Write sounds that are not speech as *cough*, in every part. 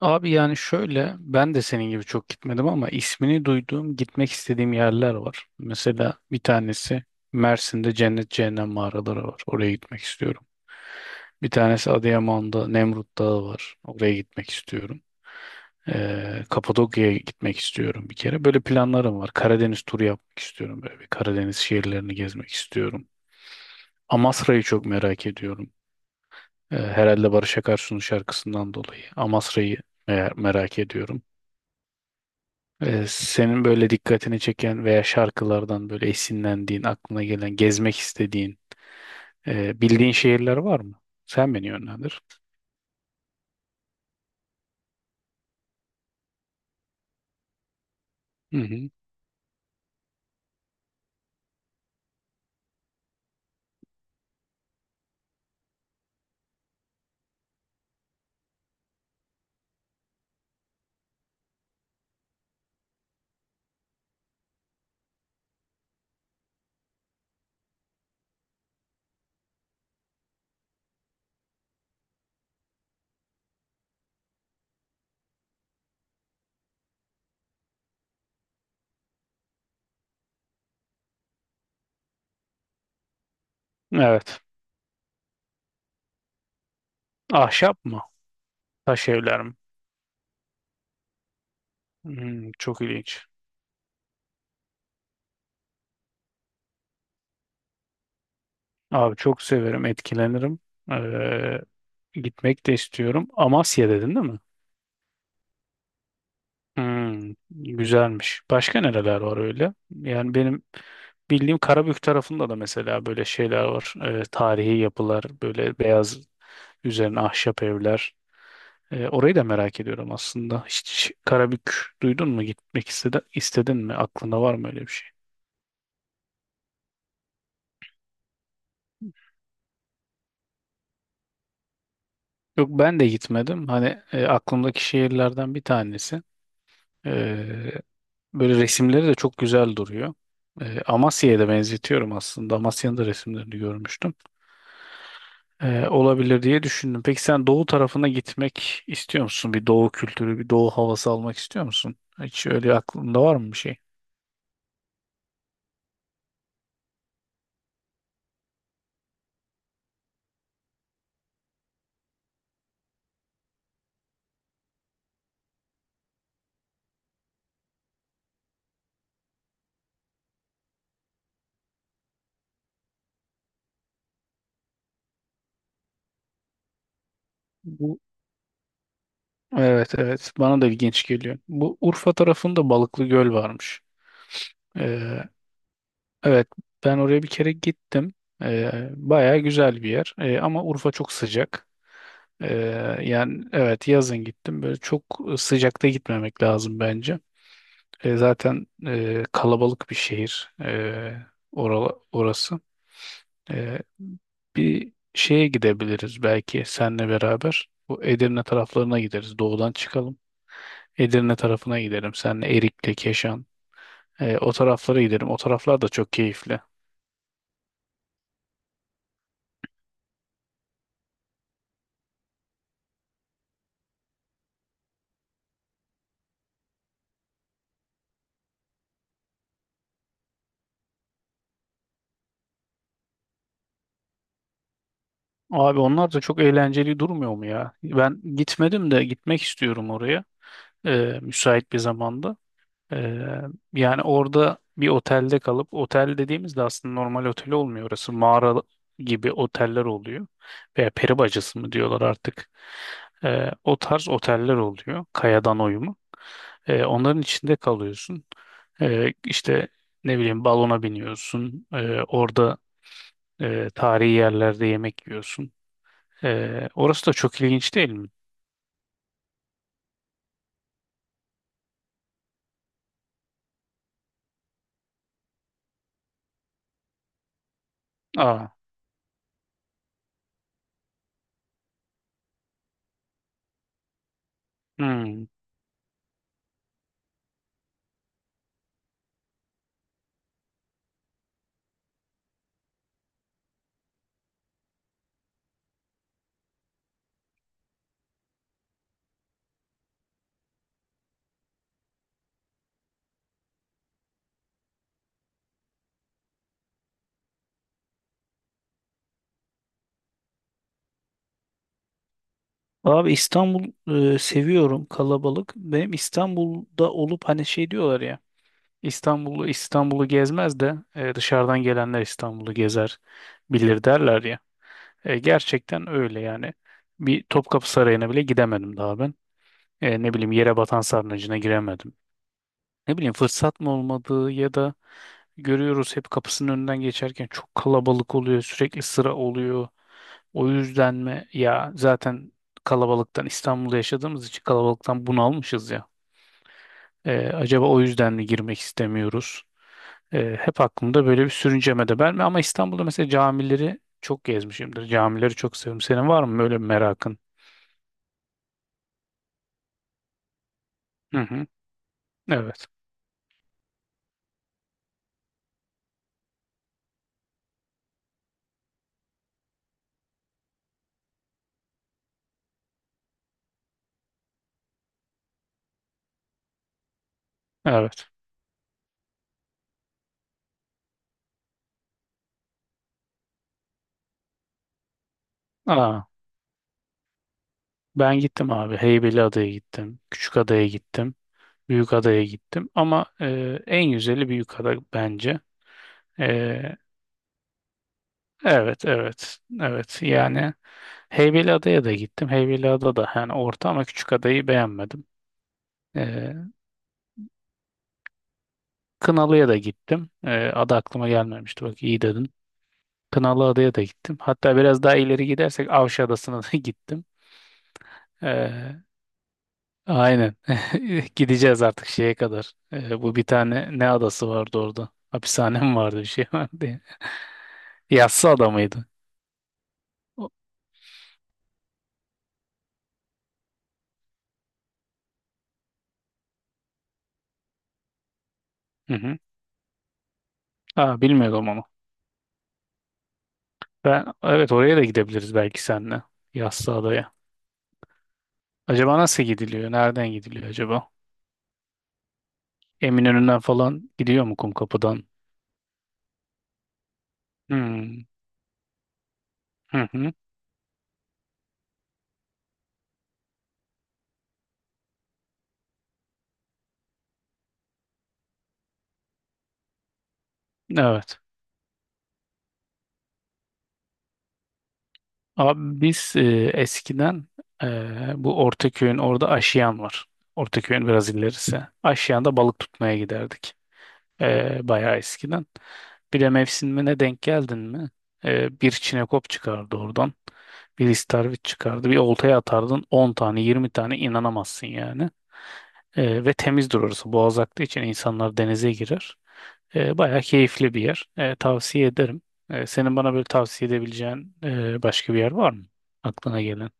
Abi yani şöyle ben de senin gibi çok gitmedim ama ismini duyduğum gitmek istediğim yerler var. Mesela bir tanesi Mersin'de Cennet Cehennem mağaraları var. Oraya gitmek istiyorum. Bir tanesi Adıyaman'da Nemrut Dağı var. Oraya gitmek istiyorum. Kapadokya'ya gitmek istiyorum bir kere. Böyle planlarım var. Karadeniz turu yapmak istiyorum. Böyle bir Karadeniz şehirlerini gezmek istiyorum. Amasra'yı çok merak ediyorum. Herhalde Barış Akarsu'nun şarkısından dolayı. Amasra'yı merak ediyorum. Senin böyle dikkatini çeken veya şarkılardan böyle esinlendiğin, aklına gelen, gezmek istediğin, bildiğin şehirler var mı? Sen beni yönlendir. Hı hı. Evet. Ahşap mı? Taş evler mi? Hmm, çok ilginç. Abi çok severim, etkilenirim. Gitmek de istiyorum. Amasya dedin değil mi? Hmm, güzelmiş. Başka nereler var öyle? Yani benim bildiğim Karabük tarafında da mesela böyle şeyler var. Tarihi yapılar, böyle beyaz üzerine ahşap evler. Orayı da merak ediyorum aslında. Hiç Karabük duydun mu? Gitmek istedin mi? Aklında var mı öyle bir şey? Yok, ben de gitmedim. Hani aklımdaki şehirlerden bir tanesi. Ee, Böyle resimleri de çok güzel duruyor. Amasya'ya da benzetiyorum aslında. Amasya'nın da resimlerini görmüştüm. Olabilir diye düşündüm. Peki sen doğu tarafına gitmek istiyor musun? Bir doğu kültürü, bir doğu havası almak istiyor musun? Hiç öyle aklında var mı bir şey? Bu evet, evet, bana da ilginç geliyor. Bu Urfa tarafında Balıklı Göl varmış. Ee, evet, ben oraya bir kere gittim. Bayağı güzel bir yer. Ama Urfa çok sıcak. Ee, Yani evet, yazın gittim. Böyle çok sıcakta gitmemek lazım bence. Zaten kalabalık bir şehir. Orası. Ee, Bir şeye gidebiliriz belki senle beraber. Bu Edirne taraflarına gideriz. Doğudan çıkalım. Edirne tarafına gidelim. Senle Erikli, Keşan. O taraflara gidelim. O taraflar da çok keyifli. Abi onlar da çok eğlenceli durmuyor mu ya? Ben gitmedim de gitmek istiyorum oraya. Müsait bir zamanda. Ee, Yani orada bir otelde kalıp, otel dediğimizde aslında normal otel olmuyor, orası mağara gibi oteller oluyor veya peri bacası mı diyorlar artık. O tarz oteller oluyor, kayadan oyma. Onların içinde kalıyorsun. İşte ne bileyim, balona biniyorsun. Orada tarihi yerlerde yemek yiyorsun. Orası da çok ilginç değil mi? Aa, hmm. Abi İstanbul seviyorum kalabalık. Benim İstanbul'da olup hani şey diyorlar ya, İstanbul'u gezmez de dışarıdan gelenler İstanbul'u gezer bilir derler ya. Gerçekten öyle yani. Bir Topkapı Sarayı'na bile gidemedim daha ben. Ne bileyim, Yerebatan Sarnıcı'na giremedim, ne bileyim fırsat mı olmadığı ya da görüyoruz hep, kapısının önünden geçerken çok kalabalık oluyor, sürekli sıra oluyor. O yüzden mi ya, zaten kalabalıktan, İstanbul'da yaşadığımız için kalabalıktan bunalmışız ya. Acaba o yüzden mi girmek istemiyoruz? Hep aklımda böyle bir sürünceme de ben, ama İstanbul'da mesela camileri çok gezmişimdir. Camileri çok seviyorum. Senin var mı böyle bir merakın? Hı hı. Evet. Evet. Aa, ben gittim abi. Heybeliada'ya gittim. Küçükada'ya gittim. Büyükada'ya gittim ama en güzeli Büyükada bence. E, evet, evet, evet, yani Heybeliada'ya da gittim. Heybeliada da yani orta, ama küçük adayı beğenmedim. E, Kınalı'ya da gittim. Adı aklıma gelmemişti, bak iyi dedin. Kınalı Adaya da gittim. Hatta biraz daha ileri gidersek Avşa Adası'na da *laughs* gittim. E, aynen *laughs* gideceğiz artık şeye kadar. Bu bir tane ne adası vardı orada? Hapishanem vardı, bir şey vardı. *laughs* ya. Yassı ada mıydı? O- Hı hı. Ha, bilmiyorum onu. Ben, evet, oraya da gidebiliriz belki senle Yassıada'ya. Acaba nasıl gidiliyor? Nereden gidiliyor acaba? Eminönü'nden falan gidiyor mu, Kumkapı'dan? Hmm. Hı hı. Evet. Abi biz eskiden, bu Ortaköy'ün orada Aşiyan var. Ortaköy'ün biraz ilerisi. Aşiyan'da balık tutmaya giderdik. Bayağı eskiden. Bir de mevsimine denk geldin mi? Bir çinekop çıkardı oradan. Bir istarvit çıkardı. Bir oltaya atardın 10 tane 20 tane, inanamazsın yani. Ve temizdir orası. Boğaz aktığı için insanlar denize girer. Bayağı keyifli bir yer. Tavsiye ederim. Senin bana böyle tavsiye edebileceğin başka bir yer var mı? Aklına gelen.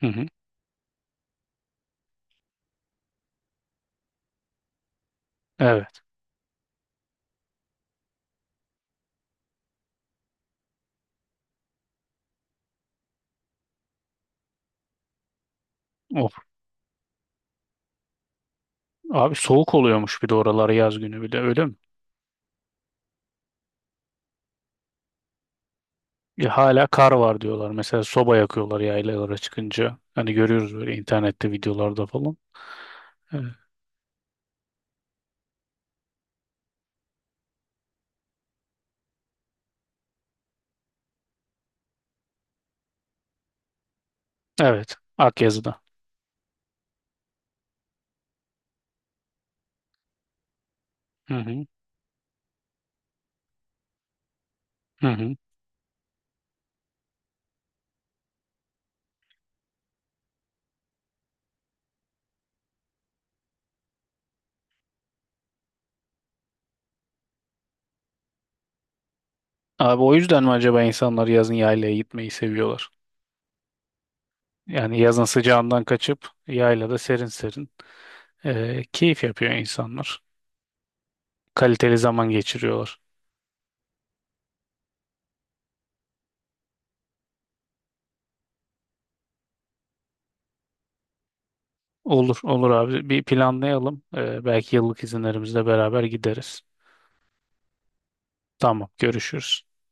Hı hı. Evet. Of. Abi soğuk oluyormuş bir de oraları, yaz günü bir de öyle mi? Ya hala kar var diyorlar. Mesela soba yakıyorlar yaylalara çıkınca. Hani görüyoruz böyle internette videolarda falan. Evet. Evet. Akyazı'da. Hı hı. Hı hı. Abi o yüzden mi acaba insanlar yazın yaylaya gitmeyi seviyorlar? Yani yazın sıcağından kaçıp yaylada serin serin keyif yapıyor insanlar. Kaliteli zaman geçiriyorlar. Olur, olur abi. Bir planlayalım. Belki yıllık izinlerimizle beraber gideriz. Tamam, görüşürüz.